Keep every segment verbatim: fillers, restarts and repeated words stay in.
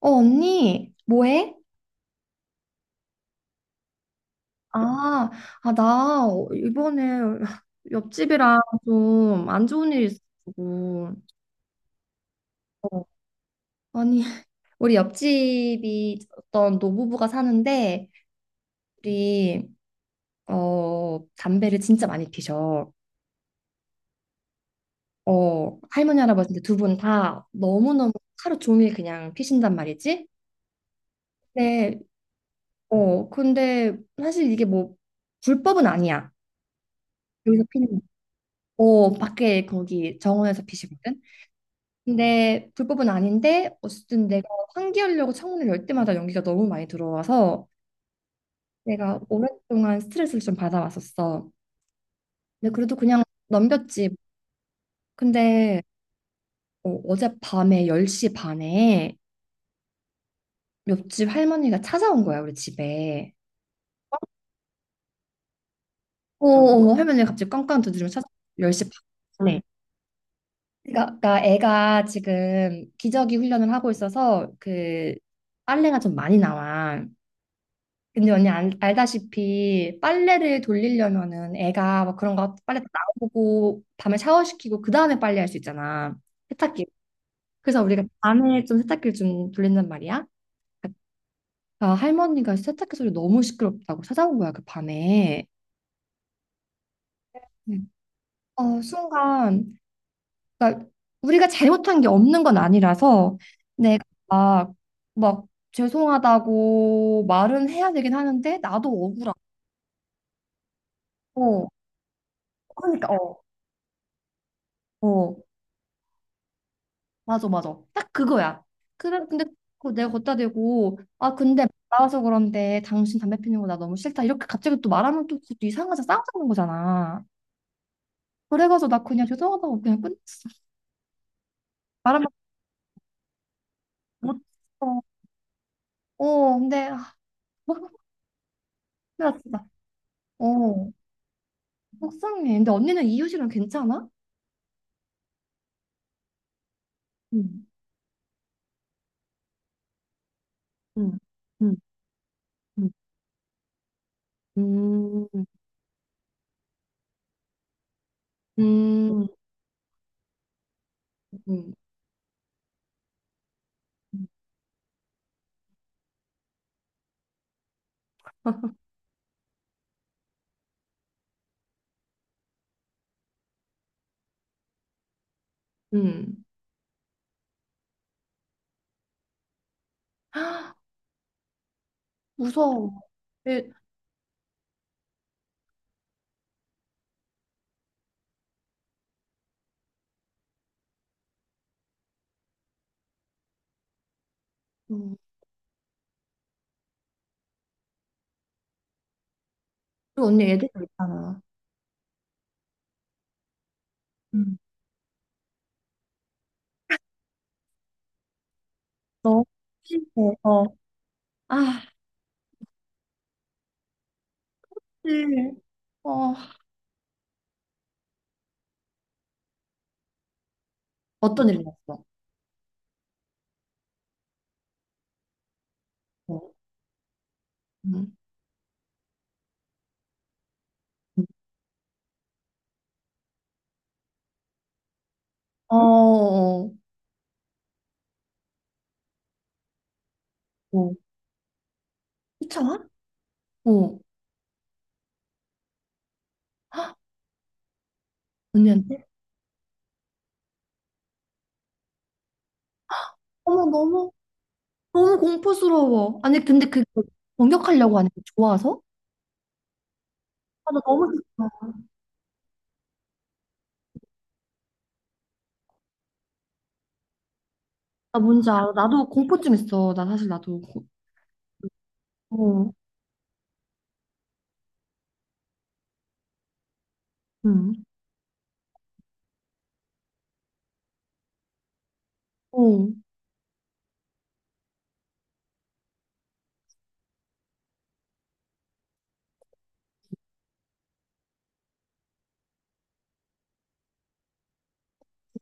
어, 언니, 뭐해? 아, 아, 나 이번에 옆집이랑 좀 안 좋은 일이 있어가지고. 어, 아니, 우리 옆집이 어떤 노부부가 사는데, 우리, 어, 담배를 진짜 많이 피셔. 어, 할머니, 할아버지 두 분 다 너무너무 하루 종일 그냥 피신단 말이지? 네. 어, 근데 사실 이게 뭐, 불법은 아니야. 여기서 피는 거. 어, 밖에 거기 정원에서 피시거든? 근데 불법은 아닌데 어쨌든 내가 환기하려고 창문을 열 때마다 연기가 너무 많이 들어와서 내가 오랫동안 스트레스를 좀 받아왔었어. 근데 그래도 그냥 넘겼지. 근데 어, 어젯밤에 열 시 반에 옆집 할머니가 찾아온 거야, 우리 집에. 어, 어, 할머니가 갑자기 깡깡 두드리면 찾아 열 시 반에. 그러니까, 그러니까 애가 지금 기저귀 훈련을 하고 있어서 그 빨래가 좀 많이 나와. 근데 언니 알, 알다시피 빨래를 돌리려면은 애가 막 그런 거 빨래 다 나오고 밤에 샤워시키고 그 다음에 빨래할 수 있잖아. 세탁기. 그래서 우리가 밤에 좀 세탁기를 좀 돌린단 말이야. 아, 할머니가 세탁기 소리 너무 시끄럽다고 찾아온 거야 그 밤에. 음. 어, 순간 그러니까 우리가 잘못한 게 없는 건 아니라서 내가 막, 막 죄송하다고 말은 해야 되긴 하는데 나도 억울하고. 그러니까, 어, 어. 맞아, 맞아. 딱 그거야. 그래, 근데 그거 내가 걷다 대고, 아, 근데 나와서 그런데 당신 담배 피는 거 나 너무 싫다. 이렇게 갑자기 또 말하면 또 그것도 이상하자 싸우자는 거잖아. 그래가지고 나 그냥 죄송하다고 그냥 끝냈어. 말하면 못했어. 어, 근데, 아, 뭐, 나 진짜. 어, 속상해. 근데 언니는 이웃이랑 괜찮아? 응, 응, 응, 응, 음, 음, 음, 음. 헉, 무서워. 애- 음. 그리고 언니 애들도 있잖아. 너무 힘들어. 아, 사실, 어, 어떤 일이었어? 어, 음. 어, 어, 어. 쫓아, 어, 언니한테? 어머, 너무, 너무 공포스러워. 아니, 근데 그 공격하려고 하는 게 좋아서? 아, 나 너무 좋다. 나 뭔지 알아. 나도 공포증 있어. 나 사실 나도. 고- 어, 응. 어. 무슨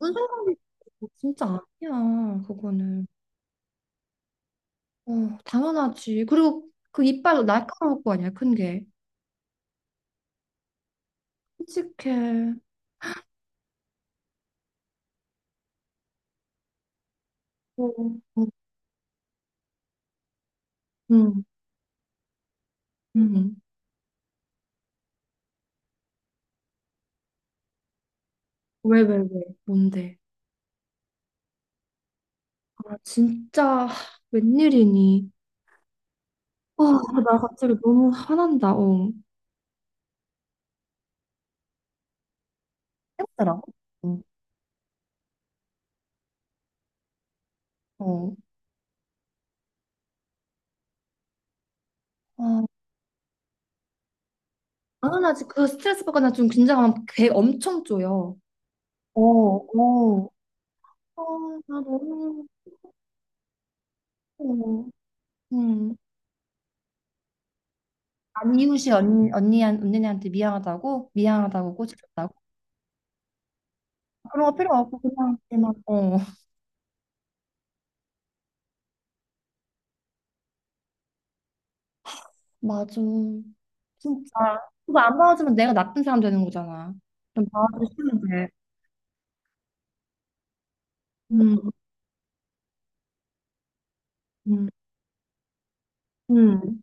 생각이 들어? 진짜 아니야, 그거는. 어, 당연하지. 그리고 그 이빨 날카로울 거 아니야, 큰 게. 끔찍해. 어, 어, 응, 응. 왜, 왜, 왜? 뭔데? 아, 진짜, 웬일이니? 아, 아, 나 갑자기 너무 화난다, 어. 힘들어. 응. 어. 아, 나는 아직 그 스트레스 받거나 좀 긴장하면 배 엄청 쪼여. 어, 어. 아, 나 너무 힘들어. 음. 아니, 이웃이 언니, 언니한, 언니한테 미안하다고? 미안하다고 꼬집혔다고? 그런 거 필요 없고, 그냥, 그냥, 어. 맞아. 진짜. 그거 안 봐주면 내가 나쁜 사람 되는 거잖아. 좀 봐주시면 돼. 음, 음, 음,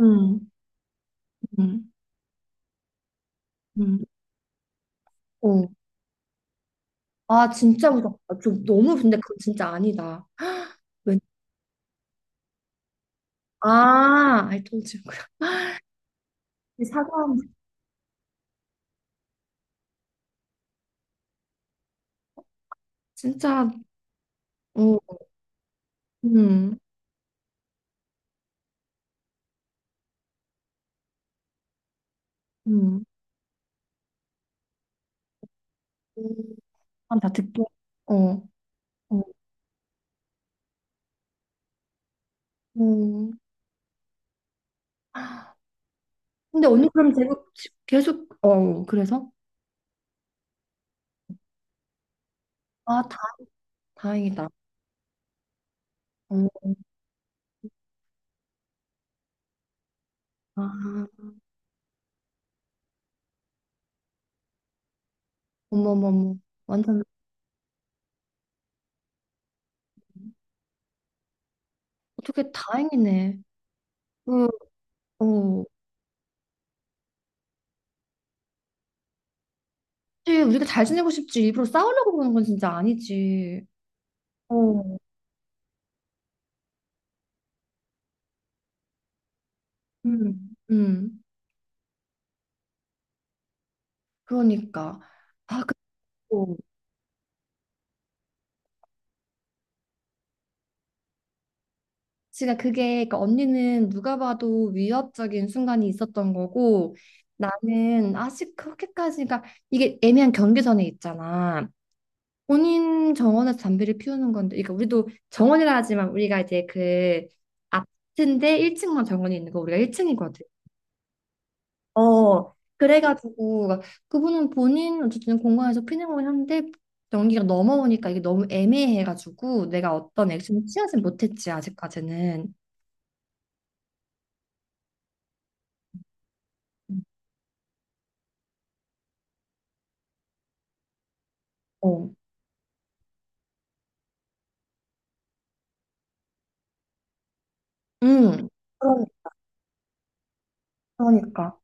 음, 음, 음. 어. 아, 진짜 무섭다. 좀 너무 근데 그건 진짜 아니다. 왜? 아, I told you. 사과함. 진짜. 어, 음, 음. 음, 다 듣게. 어, 어, 음. 근데 언니 그럼 계속, 계속, 어, 그래서? 아, 다, 다행이다. 어, 아, 어머머머. 완전. 어떻게 다행이네. 그, 어. 사실 우리가 잘 지내고 싶지 일부러 싸우려고 그러는 건 진짜 아니지. 어, 음. 음. 그러니까. 어, 제가 그게 그러니까 언니는 누가 봐도 위협적인 순간이 있었던 거고 나는 아직 그렇게까지 가 이게 애매한 경계선에 있잖아. 본인 정원에서 담배를 피우는 건데 그러니까 우리도 정원이라 하지만 우리가 이제 그 아파트인데 일 층만 정원이 있는 거 우리가 일 층이거든. 어, 그래가지고 그분은 본인 어쨌든 공항에서 피는공을 하는데 연기가 넘어오니까 이게 너무 애매해가지고 내가 어떤 액션을 취하진 못했지 아직까지는. 어, 음. 그러- 그러니까.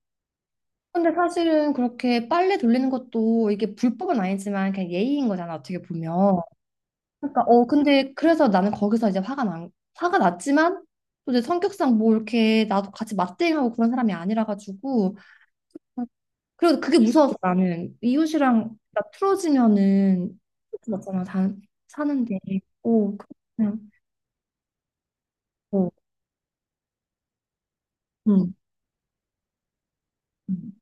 근데 사실은 그렇게 빨래 돌리는 것도 이게 불법은 아니지만 그냥 예의인 거잖아 어떻게 보면. 그러니까 어 근데 그래서 나는 거기서 이제 화가 난 화가 났지만 또 이제 성격상 뭐 이렇게 나도 같이 맞대응하고 그런 사람이 아니라 가지고. 그리고 그게 무서워서 나는 이웃이랑 나 틀어지면은 맞잖아 다 사는데. 오. 그냥. 어, 음. 음.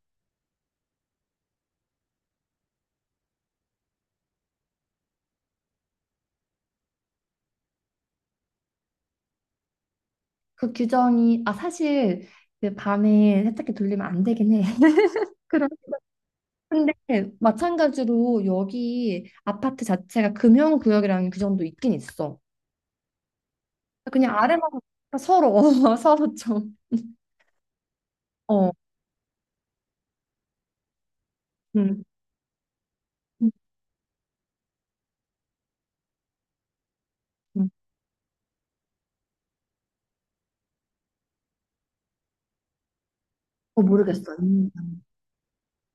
그 규정이 아 사실 그 밤에 세탁기 돌리면 안 되긴 해. 그런. 근데 마찬가지로 여기 아파트 자체가 금형구역이라는 규정도 있긴 있어. 그냥 아래만 서로 서로 좀. 어. 음. 음. 음. 어, 모르겠어. 음.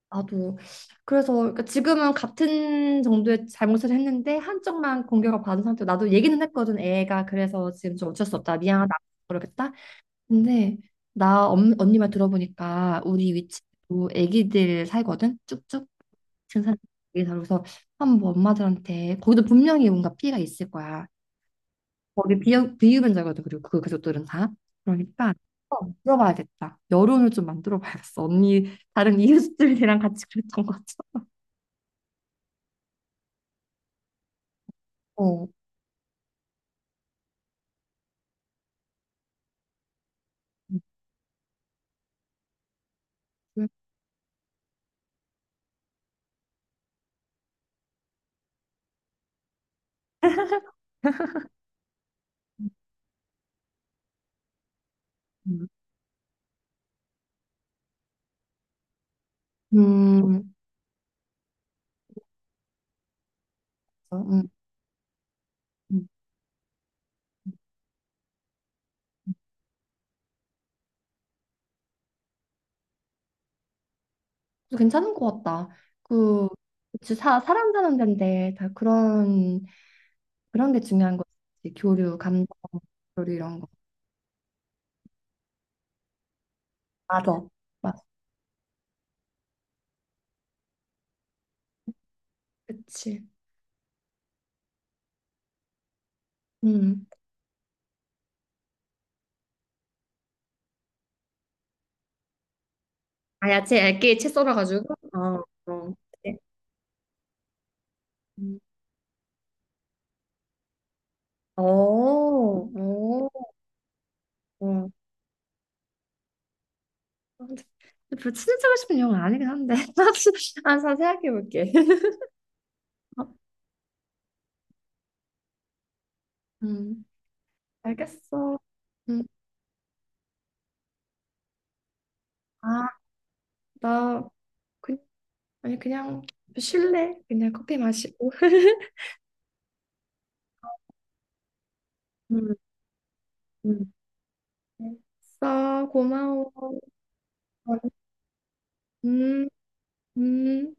나도 그래서 그러니까 지금은 같은 정도의 잘못을 했는데 한쪽만 공격을 받은 상태로 나도 얘기는 했거든 애가 그래서 지금 좀 어쩔 수 없다 미안하다 그러겠다. 근데 나 엄- 언니 말 들어보니까 우리 위치도 애기들 살거든 쭉쭉 증산 애기들 살고. 그래서 한번 엄마들한테 거기도 분명히 뭔가 피해가 있을 거야. 거기 비유, 비유변자거든 그리고 그 가족들은 다. 그러니까 어, 물어봐야겠다 여론을 좀 만들어 봐야겠어 언니 다른 이웃들이랑 같이 그랬던 것 같아. 어. 음, 음, 음, 그래, 음, 음. 괜찮은 것 같다. 그, 그치, 사, 사람 사는 데인데 다 그런, 그런 게 중요한 거지. 교류, 감정, 교류 이런 거. 맞아. 맞아. 그치. 음. 아야, 채 얇게 채 썰어가지고. 어, 어. 네. 음. 어, 어, 어. 별로 친해지고 싶은 영화 아니긴 한데. 아, 자, 생각해볼게. 음. 알겠어. 음. 아, 나 그, 아니 그냥 쉴래? 그냥 커피 마시고. 음, 음. 알았어, 고마워. 음, 음.